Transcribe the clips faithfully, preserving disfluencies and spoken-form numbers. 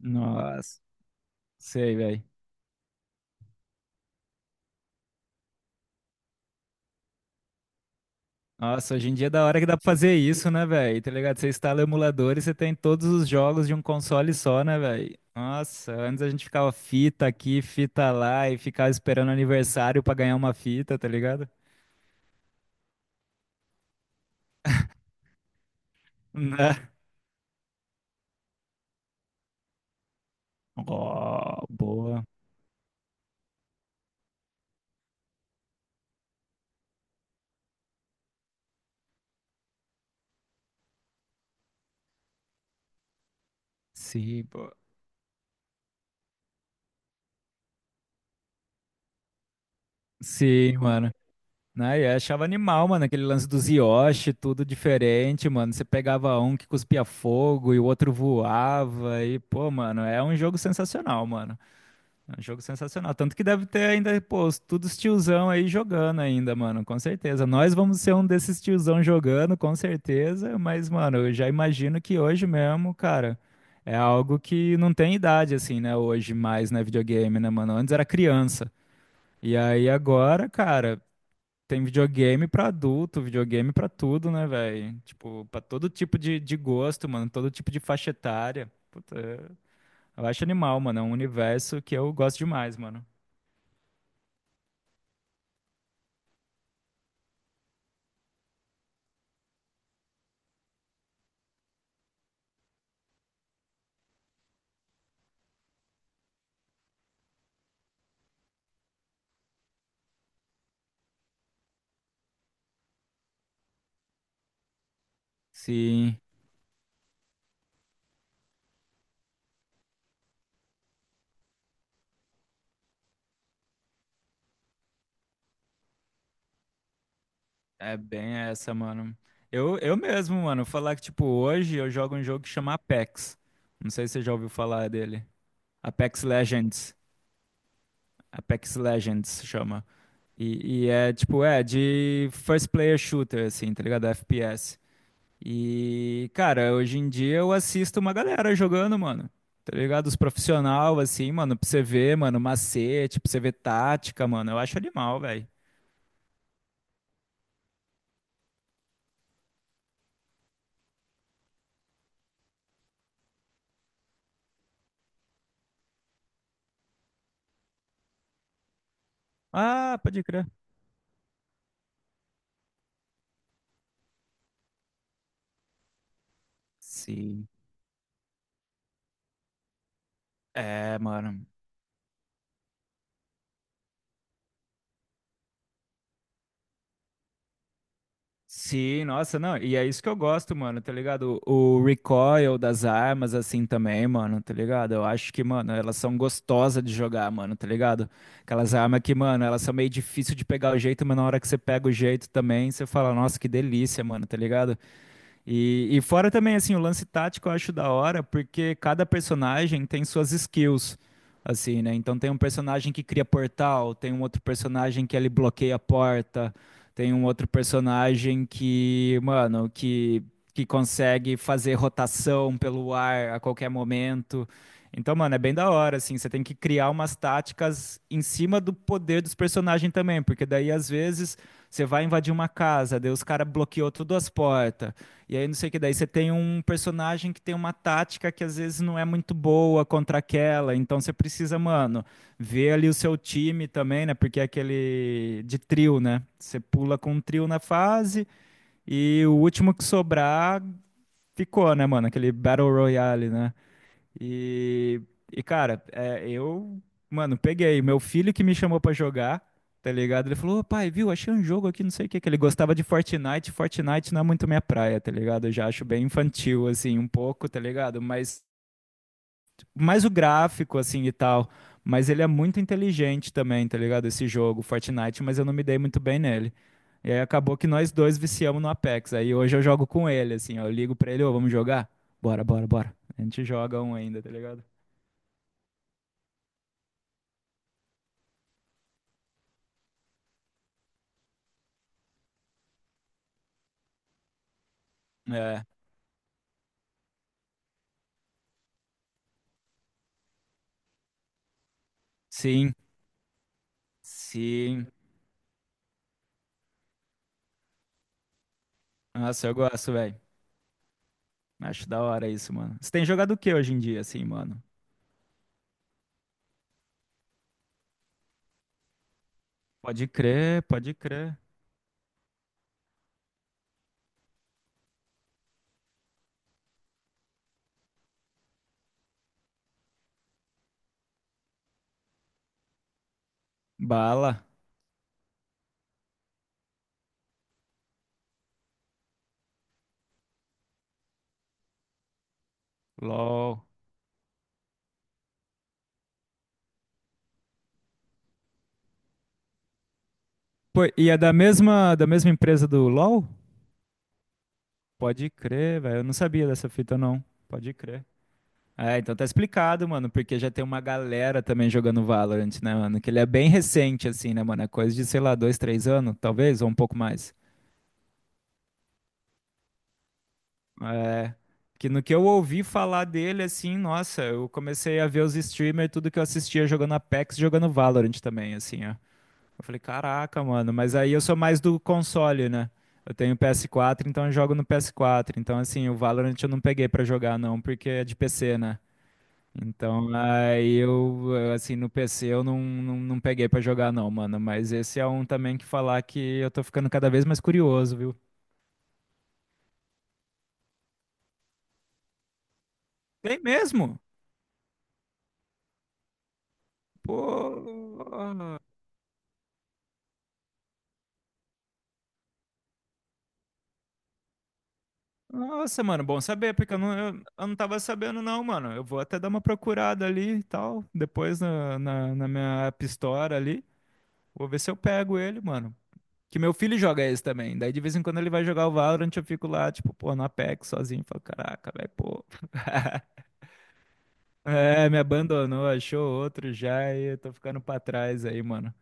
Nossa, sei, velho. Nossa, hoje em dia é da hora que dá pra fazer isso, né, velho? Tá ligado? Você instala o emulador e você tem todos os jogos de um console só, né, velho? Nossa, antes a gente ficava fita aqui, fita lá e ficava esperando aniversário pra ganhar uma fita, tá ligado? Né? Ó, boa. Sim, boa. Sim, mano. Né? Eu achava animal, mano, aquele lance dos Yoshi, tudo diferente, mano. Você pegava um que cuspia fogo e o outro voava. E, pô, mano, é um jogo sensacional, mano. É um jogo sensacional. Tanto que deve ter ainda, pô, os- todos os tiozão aí jogando ainda, mano, com certeza. Nós vamos ser um desses tiozão jogando, com certeza, mas, mano, eu já imagino que hoje mesmo, cara, é algo que não tem idade, assim, né, hoje mais, né, videogame, né, mano? Antes era criança. E aí agora, cara, tem videogame pra adulto, videogame pra tudo, né, velho? Tipo, pra todo tipo de, de gosto, mano, todo tipo de faixa etária. Puta, eu acho animal, mano, é um universo que eu gosto demais, mano. Sim, é bem essa, mano. Eu, eu mesmo, mano, falar que, tipo, hoje eu jogo um jogo que chama Apex. Não sei se você já ouviu falar dele. Apex Legends. Apex Legends chama. E, e é, tipo, é de first player shooter, assim, tá ligado? F P S. E, cara, hoje em dia eu assisto uma galera jogando, mano. Tá ligado? Os profissional, assim, mano, pra você ver, mano, macete, pra você ver tática, mano. Eu acho animal, velho. Ah, pode crer. Sim. É, mano. Sim, nossa, não, e é isso que eu gosto, mano, tá ligado? O, o recoil das armas, assim, também, mano, tá ligado? Eu acho que, mano, elas são gostosas de jogar, mano, tá ligado? Aquelas armas que, mano, elas são meio difícil de pegar o jeito, mas na hora que você pega o jeito também, você fala, nossa, que delícia, mano, tá ligado? E, e fora também, assim, o lance tático eu acho da hora, porque cada personagem tem suas skills, assim, né? Então tem um personagem que cria portal, tem um outro personagem que ele bloqueia a porta, tem um outro personagem que, mano, que, que consegue fazer rotação pelo ar a qualquer momento. Então, mano, é bem da hora, assim, você tem que criar umas táticas em cima do poder dos personagens também, porque daí, às vezes, você vai invadir uma casa, daí os caras bloqueou todas as portas. E aí, não sei o que, daí você tem um personagem que tem uma tática que às vezes não é muito boa contra aquela, então você precisa, mano, ver ali o seu time também, né? Porque é aquele de trio, né? Você pula com um trio na fase e o último que sobrar ficou, né, mano? Aquele Battle Royale, né? E, e cara, é, eu, mano, peguei. Meu filho que me chamou pra jogar, tá ligado? Ele falou: "Ô, pai, viu? Achei um jogo aqui, não sei o que, que ele gostava de Fortnite. Fortnite não é muito minha praia, tá ligado? Eu já acho bem infantil, assim, um pouco, tá ligado? Mas mais o gráfico, assim e tal. Mas ele é muito inteligente também, tá ligado? Esse jogo, Fortnite, mas eu não me dei muito bem nele. E aí acabou que nós dois viciamos no Apex. Aí hoje eu jogo com ele, assim, ó. Eu ligo pra ele, ô, vamos jogar? Bora, bora, bora. A gente joga um ainda, tá ligado? É, sim, sim. Nossa, eu gosto, velho. Acho da hora isso, mano. Você tem jogado o que hoje em dia, assim, mano? Pode crer, pode crer. Bala, LOL. Pô, e é da mesma, da, mesma empresa do LOL? Pode crer, velho. Eu não sabia dessa fita, não. Pode crer. É, então tá explicado, mano, porque já tem uma galera também jogando Valorant, né, mano? Que ele é bem recente, assim, né, mano? É coisa de, sei lá, dois, três anos, talvez, ou um pouco mais. Que no que eu ouvi falar dele, assim, nossa, eu comecei a ver os streamers, tudo que eu assistia jogando Apex, jogando Valorant também, assim, ó. Eu falei, caraca, mano, mas aí eu sou mais do console, né? Eu tenho P S quatro, então eu jogo no P S quatro. Então, assim, o Valorant eu não peguei pra jogar, não, porque é de P C, né? Então, aí eu, eu, assim, no P C eu não, não, não peguei pra jogar, não, mano. Mas esse é um também que falar que eu tô ficando cada vez mais curioso, viu? Tem mesmo? Pô. Nossa, mano, bom saber, porque eu não, eu, eu não tava sabendo, não, mano. Eu vou até dar uma procurada ali e tal, depois na, na, na minha App Store ali. Vou ver se eu pego ele, mano. Que meu filho joga esse também. Daí de vez em quando ele vai jogar o Valorant, eu fico lá, tipo, pô, no Apex sozinho. Falo, caraca, velho, pô. É, me abandonou, achou outro já e eu tô ficando pra trás aí, mano.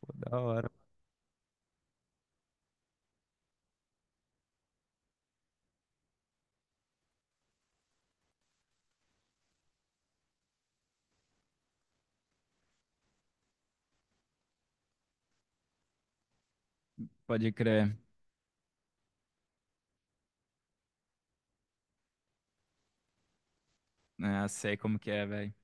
Pô, da hora. Pode crer. É, sei como que é, velho.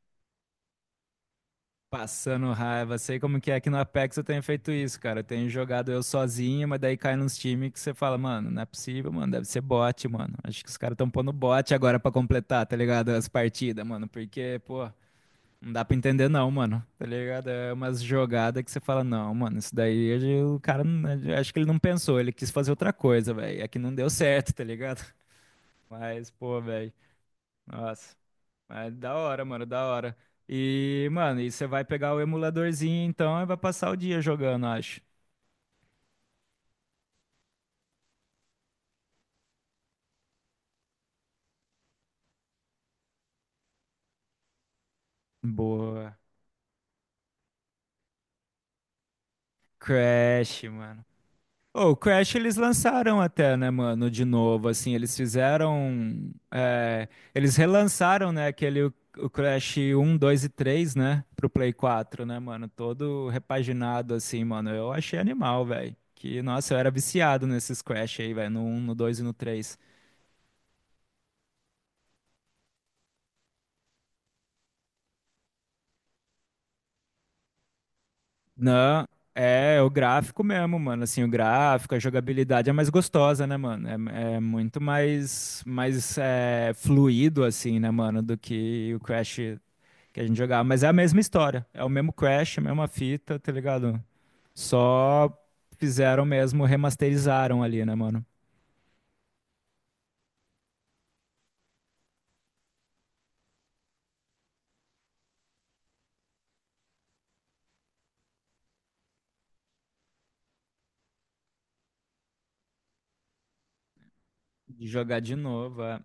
Passando raiva, sei como que é que no Apex eu tenho feito isso, cara. Eu tenho jogado eu sozinho, mas daí cai nos times que você fala, mano, não é possível, mano, deve ser bot, mano. Acho que os caras estão pondo bot agora pra completar, tá ligado? As partidas, mano, porque, pô, não dá pra entender não, mano, tá ligado? É umas jogadas que você fala, não, mano, isso daí hoje o cara, não- acho que ele não pensou, ele quis fazer outra coisa, velho. É que não deu certo, tá ligado? Mas, pô, velho, nossa. Mas da hora, mano, da hora. E, mano, e você vai pegar o emuladorzinho então e vai passar o dia jogando, acho. Boa. Crash, mano. Ô, o Crash eles lançaram até, né, mano, de novo, assim, eles fizeram, é, eles relançaram, né, aquele, o o Crash um dois e três né, pro Play quatro, né, mano, todo repaginado, assim, mano, eu achei animal, velho, que, nossa, eu era viciado nesses Crash aí, velho, no um no dois e no três. Não, é, é o gráfico mesmo, mano. Assim, o gráfico, a jogabilidade é mais gostosa, né, mano? É, é muito mais, mais é, fluido, assim, né, mano, do que o Crash que a gente jogava. Mas é a mesma história. É o mesmo Crash, a mesma fita, tá ligado? Só fizeram mesmo, remasterizaram ali, né, mano? De jogar de novo, é.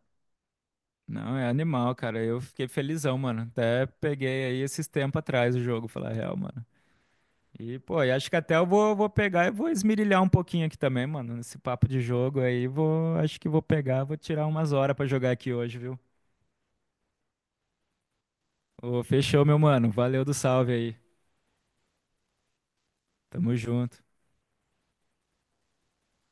Não, é animal, cara. Eu fiquei felizão, mano. Até peguei aí esses tempos atrás o jogo, falar a real, mano. E, pô, e acho que até eu vou, vou pegar e vou esmirilhar um pouquinho aqui também, mano, nesse papo de jogo aí. Vou, acho que vou pegar, vou tirar umas horas pra jogar aqui hoje, viu? Ô, fechou, meu mano. Valeu do salve aí. Tamo junto.